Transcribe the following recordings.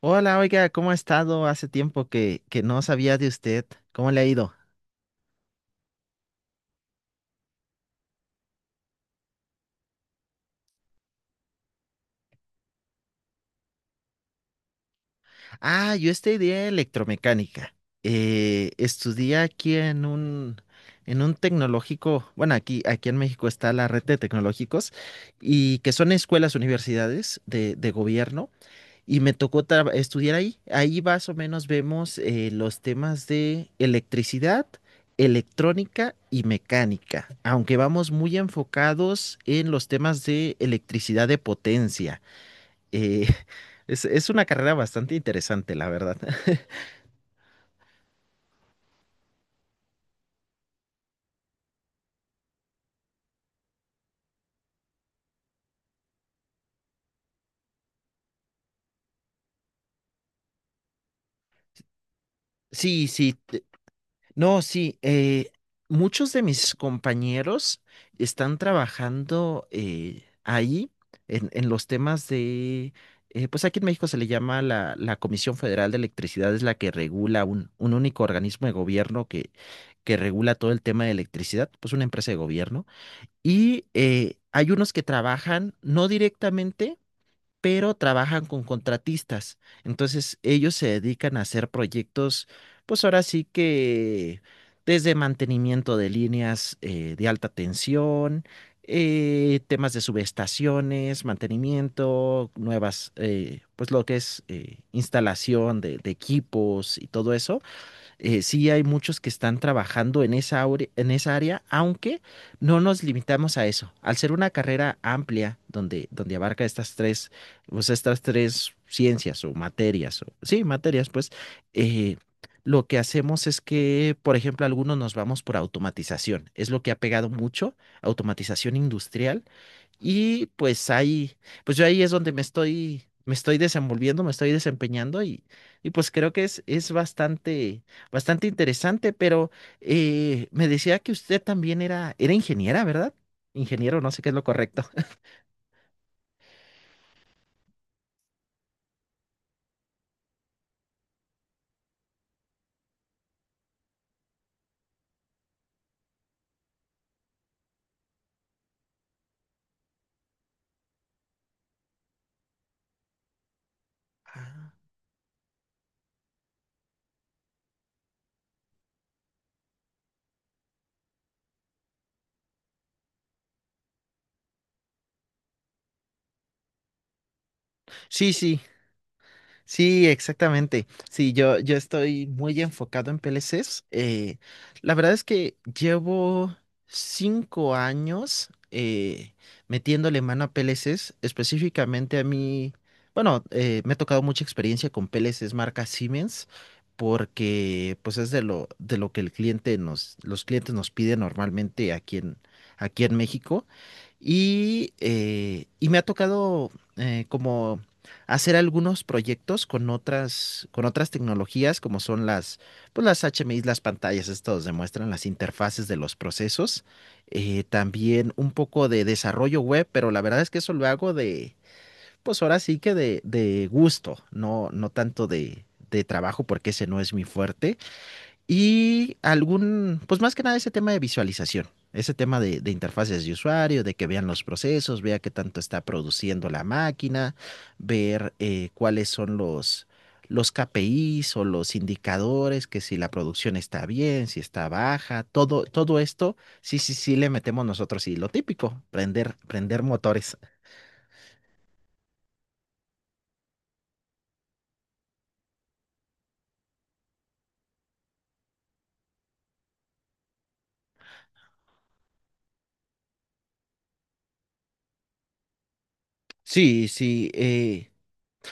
Hola, oiga, ¿cómo ha estado? Hace tiempo que no sabía de usted. ¿Cómo le ha ido? Ah, yo estudié electromecánica. Estudié aquí en un tecnológico, bueno, aquí en México está la red de tecnológicos, y que son escuelas, universidades de gobierno. Y me tocó estudiar ahí. Ahí más o menos vemos los temas de electricidad, electrónica y mecánica, aunque vamos muy enfocados en los temas de electricidad de potencia. Eh, es una carrera bastante interesante, la verdad. Sí, sí. No, sí, muchos de mis compañeros están trabajando ahí en los temas pues aquí en México se le llama la Comisión Federal de Electricidad, es la que regula un único organismo de gobierno que regula todo el tema de electricidad, pues una empresa de gobierno. Y hay unos que trabajan no directamente pero trabajan con contratistas. Entonces, ellos se dedican a hacer proyectos, pues ahora sí que desde mantenimiento de líneas de alta tensión, temas de subestaciones, mantenimiento, nuevas, pues lo que es instalación de equipos y todo eso, sí hay muchos que están trabajando en esa área, aunque no nos limitamos a eso. Al ser una carrera amplia donde abarca estas tres, pues estas tres ciencias o materias, o, sí, materias, pues, eh, lo que hacemos es que, por ejemplo, algunos nos vamos por automatización. Es lo que ha pegado mucho, automatización industrial, y pues ahí, pues yo ahí es donde me estoy desenvolviendo, me estoy desempeñando, y pues creo que es bastante, bastante interesante, pero me decía que usted también era ingeniera, ¿verdad? Ingeniero, no sé qué es lo correcto. Ah, sí, sí. Sí, exactamente. Sí, yo estoy muy enfocado en PLCs. La verdad es que llevo 5 años metiéndole mano a PLCs, específicamente a mí. Bueno, me ha tocado mucha experiencia con PLCs marca Siemens, porque pues es de lo que el cliente nos, los clientes nos piden normalmente aquí en México. Y me ha tocado como hacer algunos proyectos con otras tecnologías, como son las HMI, las pantallas, estos demuestran las interfaces de los procesos. También un poco de desarrollo web, pero la verdad es que eso lo hago de, pues ahora sí que de, gusto, no, no tanto de trabajo, porque ese no es mi fuerte. Y algún, pues más que nada ese tema de visualización, ese tema de interfaces de usuario, de que vean los procesos, vea qué tanto está produciendo la máquina, ver cuáles son los KPIs o los indicadores, que si la producción está bien, si está baja, todo esto, sí, sí, sí le metemos nosotros y lo típico, prender motores. Sí, sí,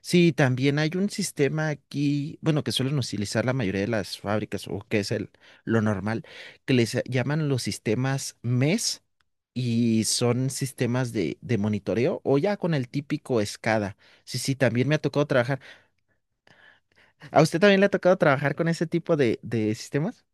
sí, también hay un sistema aquí, bueno, que suelen utilizar la mayoría de las fábricas, o que es el, lo normal, que les llaman los sistemas MES, y son sistemas de monitoreo o ya con el típico SCADA. Sí, sí, también me ha tocado trabajar. ¿A usted también le ha tocado trabajar con ese tipo de sistemas?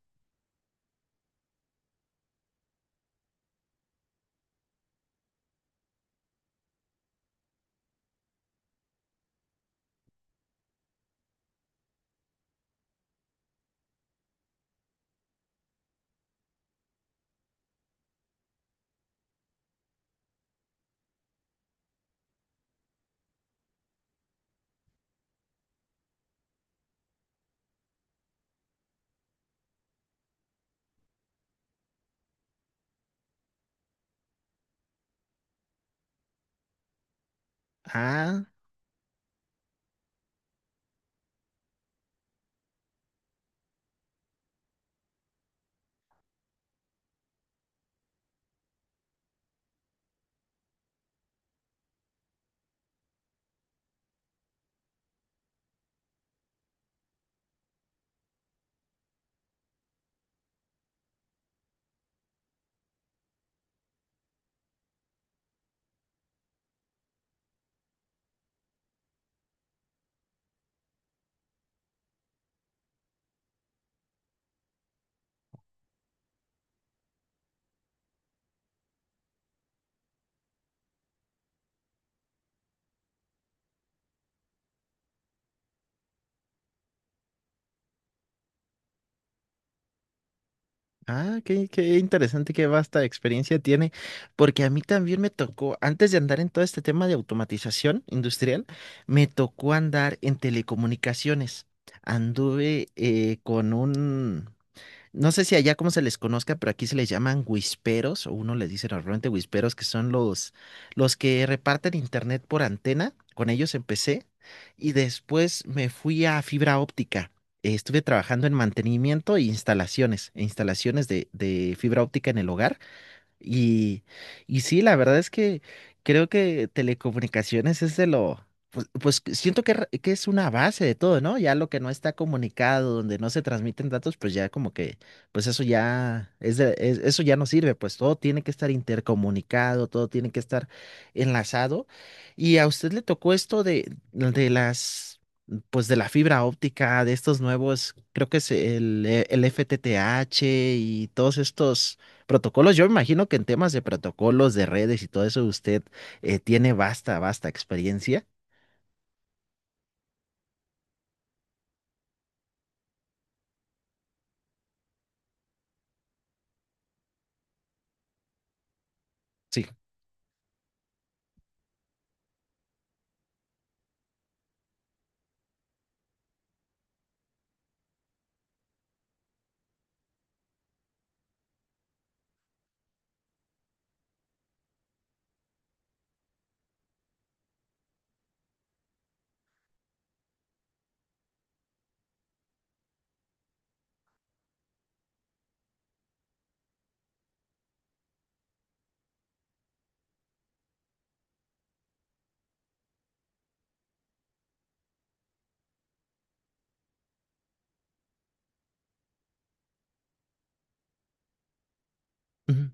Ah. Ah, qué interesante, qué vasta experiencia tiene, porque a mí también me tocó, antes de andar en todo este tema de automatización industrial, me tocó andar en telecomunicaciones. Anduve con un, no sé si allá cómo se les conozca, pero aquí se les llaman whisperos, o uno les dice normalmente whisperos, que son los que reparten internet por antena. Con ellos empecé, y después me fui a fibra óptica. Estuve trabajando en mantenimiento e instalaciones, de fibra óptica en el hogar. Y, y sí, la verdad es que creo que telecomunicaciones es de lo, pues que siento que es una base de todo, ¿no? Ya lo que no está comunicado, donde no se transmiten datos, pues ya como que, pues eso ya eso ya no sirve, pues todo tiene que estar intercomunicado, todo tiene que estar enlazado. Y a usted le tocó esto de las, pues de la fibra óptica, de estos nuevos, creo que es el FTTH y todos estos protocolos. Yo imagino que en temas de protocolos, de redes y todo eso, usted tiene vasta, vasta experiencia. Sí. Ujú.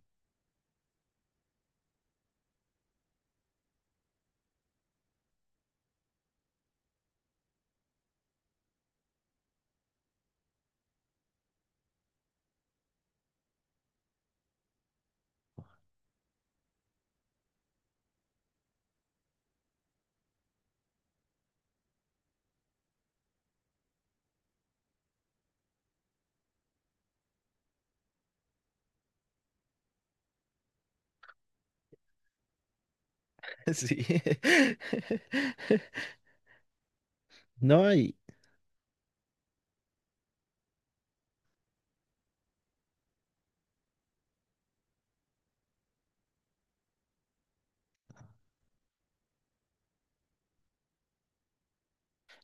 Sí. No, y,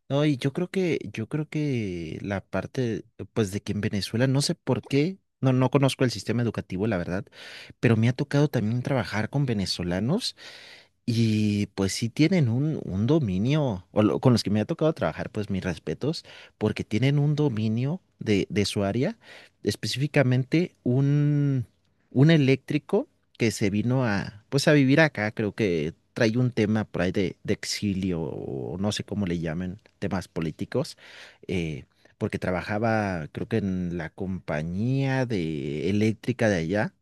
no, y yo creo que la parte, pues, de que en Venezuela, no sé por qué, no conozco el sistema educativo, la verdad, pero me ha tocado también trabajar con venezolanos. Y pues sí tienen un, dominio, o con los que me ha tocado trabajar, pues mis respetos, porque tienen un dominio de su área, específicamente un, eléctrico que se vino a, pues a vivir acá, creo que trae un tema por ahí de exilio, o no sé cómo le llamen, temas políticos, eh, porque trabajaba, creo que en la compañía de eléctrica de allá.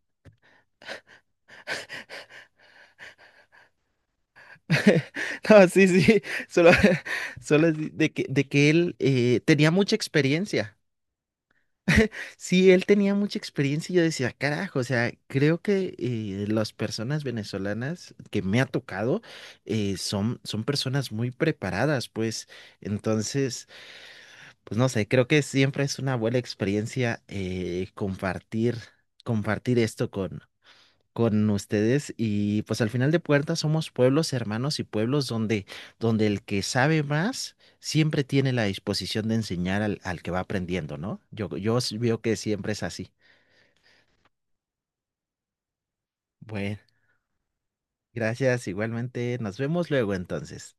No, sí, sí, solo, solo es de que él tenía mucha experiencia. Sí, él tenía mucha experiencia y yo decía, carajo, o sea, creo que las personas venezolanas que me ha tocado, son personas muy preparadas, pues entonces, pues no sé, creo que siempre es una buena experiencia, compartir esto con ustedes, y pues al final de puertas somos pueblos hermanos y pueblos donde el que sabe más siempre tiene la disposición de enseñar al que va aprendiendo, ¿no? Yo veo que siempre es así. Bueno, gracias igualmente. Nos vemos luego entonces.